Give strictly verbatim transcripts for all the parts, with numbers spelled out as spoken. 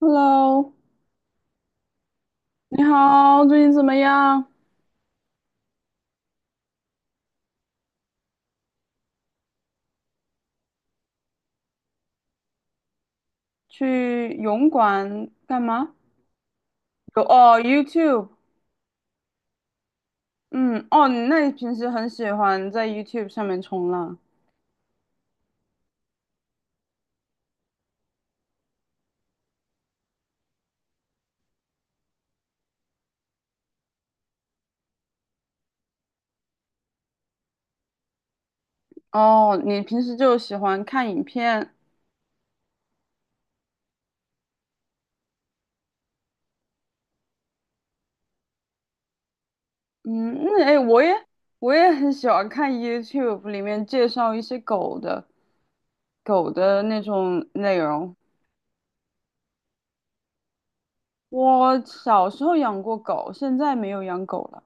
Hello，你好，最近怎么样？去泳馆干嘛？有哦，YouTube，嗯，哦，你那你平时很喜欢在 YouTube 上面冲浪？哦，你平时就喜欢看影片？嗯，那哎，我也我也很喜欢看 YouTube 里面介绍一些狗的狗的那种内容。我小时候养过狗，现在没有养狗了。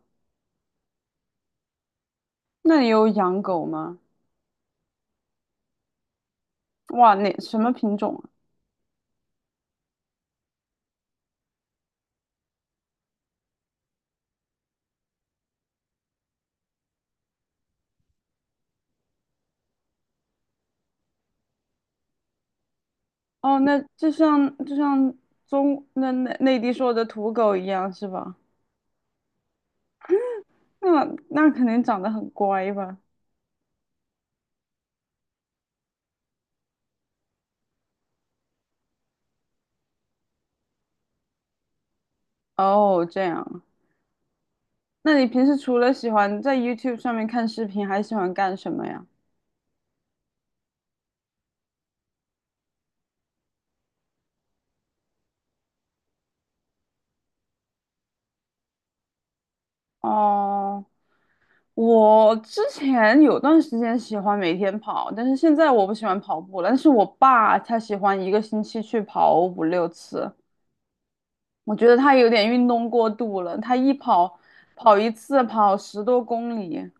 那你有养狗吗？哇，那什么品种啊？哦，那就像就像中那那内地说的土狗一样是吧？那那肯定长得很乖吧？哦，这样。那你平时除了喜欢在 YouTube 上面看视频，还喜欢干什么呀？哦，我之前有段时间喜欢每天跑，但是现在我不喜欢跑步了。但是我爸他喜欢一个星期去跑五六次，我觉得他有点运动过度了。他一跑跑一次跑十多公里，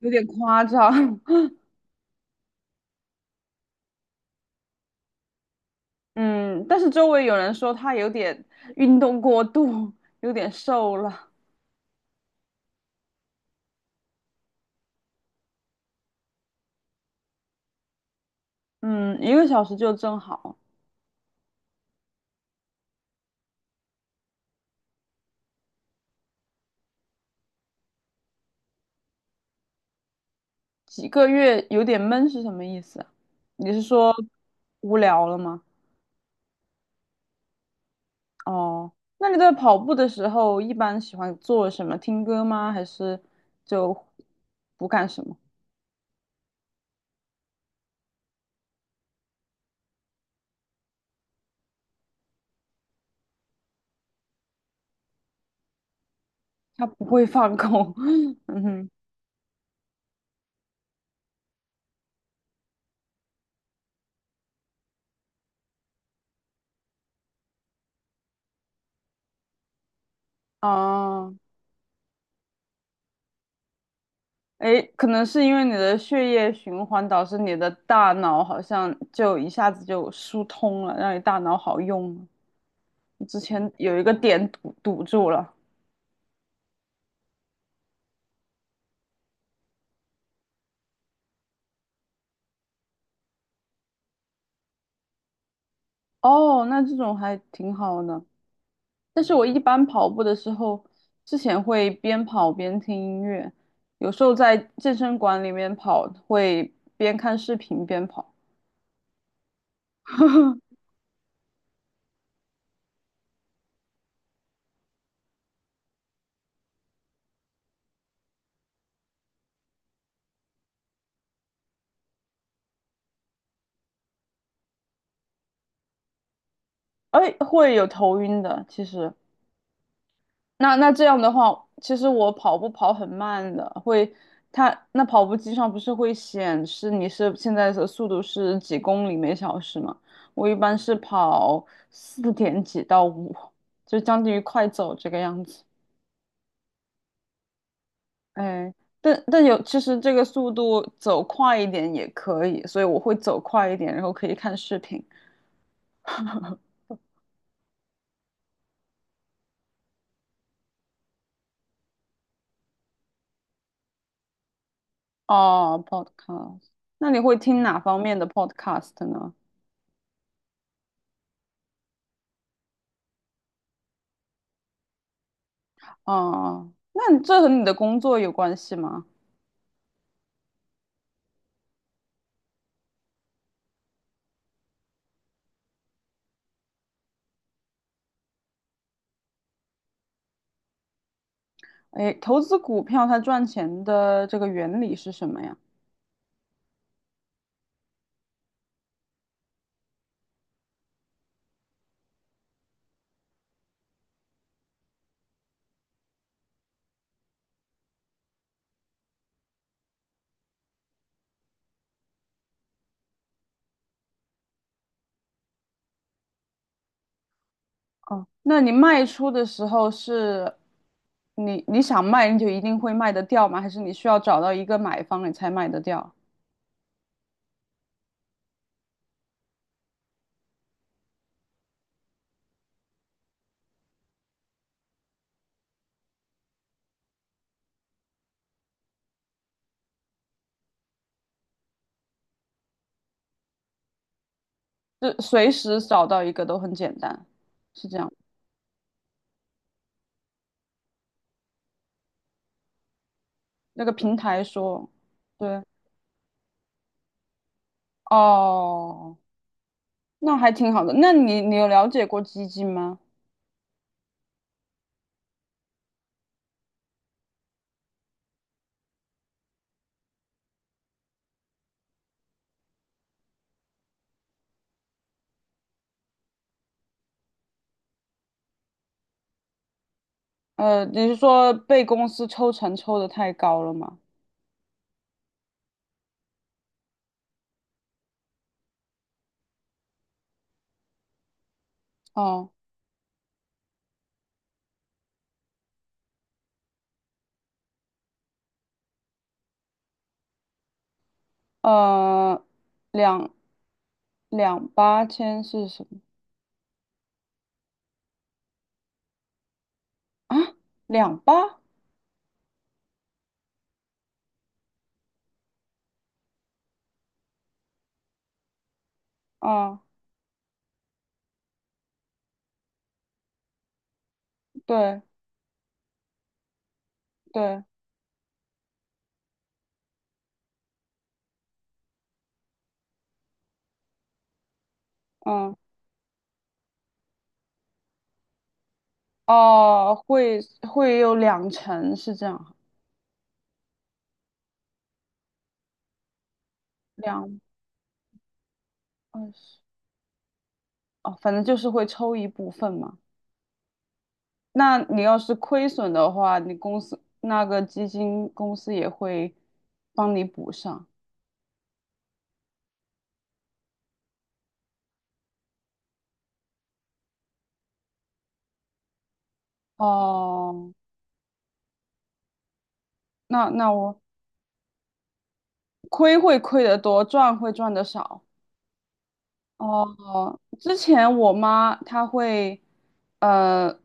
有点夸张。嗯，但是周围有人说他有点运动过度，有点瘦了。嗯，一个小时就正好，几个月有点闷是什么意思啊？你是说无聊了吗？哦，那你在跑步的时候一般喜欢做什么？听歌吗？还是就不干什么？他不会放空。嗯哼，哦。诶，可能是因为你的血液循环导致你的大脑好像就一下子就疏通了，让你大脑好用了。之前有一个点堵堵住了，哦，那这种还挺好的。但是我一般跑步的时候，之前会边跑边听音乐，有时候在健身馆里面跑，会边看视频边跑，哎，会有头晕的，其实。那那这样的话，其实我跑步跑很慢的，会，它那跑步机上不是会显示你是现在的速度是几公里每小时吗？我一般是跑四点几到五，就将近于快走这个样子。哎，但但有其实这个速度走快一点也可以，所以我会走快一点，然后可以看视频。哦，podcast，那你会听哪方面的 podcast 呢？哦，那你这和你的工作有关系吗？哎，投资股票它赚钱的这个原理是什么呀？哦，那你卖出的时候是你你想卖你就一定会卖得掉吗？还是你需要找到一个买方你才卖得掉？就随时找到一个都很简单，是这样。那个平台说，对，哦，那还挺好的。那你你有了解过基金吗？呃，你是说被公司抽成抽得太高了吗？哦，呃，两两八千是什么啊？两八啊，对对，嗯，哦，会会有两成是这样，两二十哦，反正就是会抽一部分嘛。那你要是亏损的话，你公司那个基金公司也会帮你补上。哦，那那我亏会亏得多，赚会赚得少。哦，之前我妈她会，呃，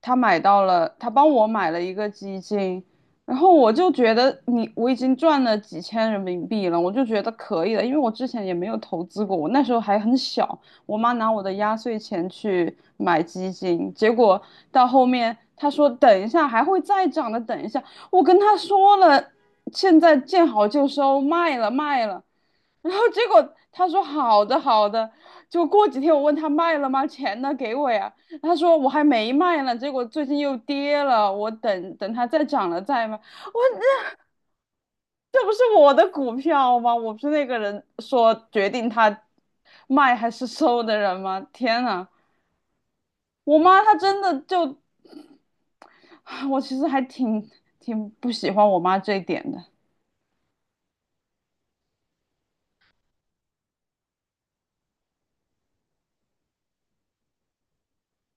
她买到了，她帮我买了一个基金，然后我就觉得你我已经赚了几千人民币了，我就觉得可以了，因为我之前也没有投资过，我那时候还很小，我妈拿我的压岁钱去买基金，结果到后面她说等一下还会再涨的，等一下，我跟她说了，现在见好就收，卖了卖了。然后结果他说好的好的，就过几天我问他卖了吗？钱呢？给我呀。他说我还没卖呢，结果最近又跌了，我等等它再涨了再卖。我这不是我的股票吗？我不是那个人说决定他，卖还是收的人吗？天呐，我妈她真的就，我其实还挺挺不喜欢我妈这一点的。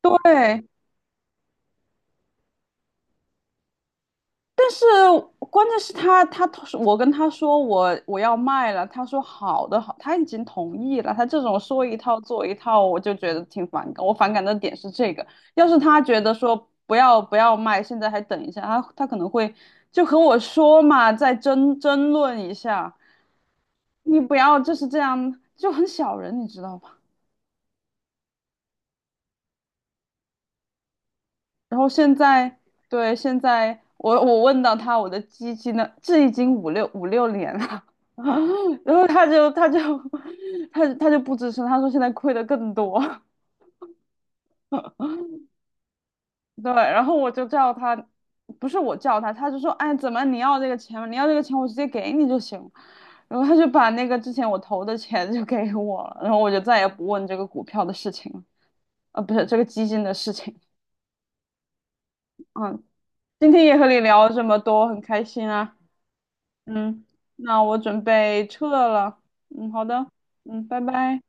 对，但是关键是他，他我跟他说我我要卖了，他说好的好，他已经同意了。他这种说一套做一套，我就觉得挺反感。我反感的点是这个，要是他觉得说不要不要卖，现在还等一下，他他可能会就和我说嘛，再争争论一下。你不要就是这样，就很小人，你知道吧？然后现在，对，现在我我问到他我的基金呢，这已经五六五六年了，然后他就他就 他他就不吱声，他说现在亏的更多，对，然后我就叫他，不是我叫他，他就说，哎，怎么你要这个钱吗？你要这个钱，我直接给你就行。然后他就把那个之前我投的钱就给我了，然后我就再也不问这个股票的事情了，呃，不是这个基金的事情。嗯，今天也和你聊了这么多，很开心啊。嗯，那我准备撤了。嗯，好的。嗯，拜拜。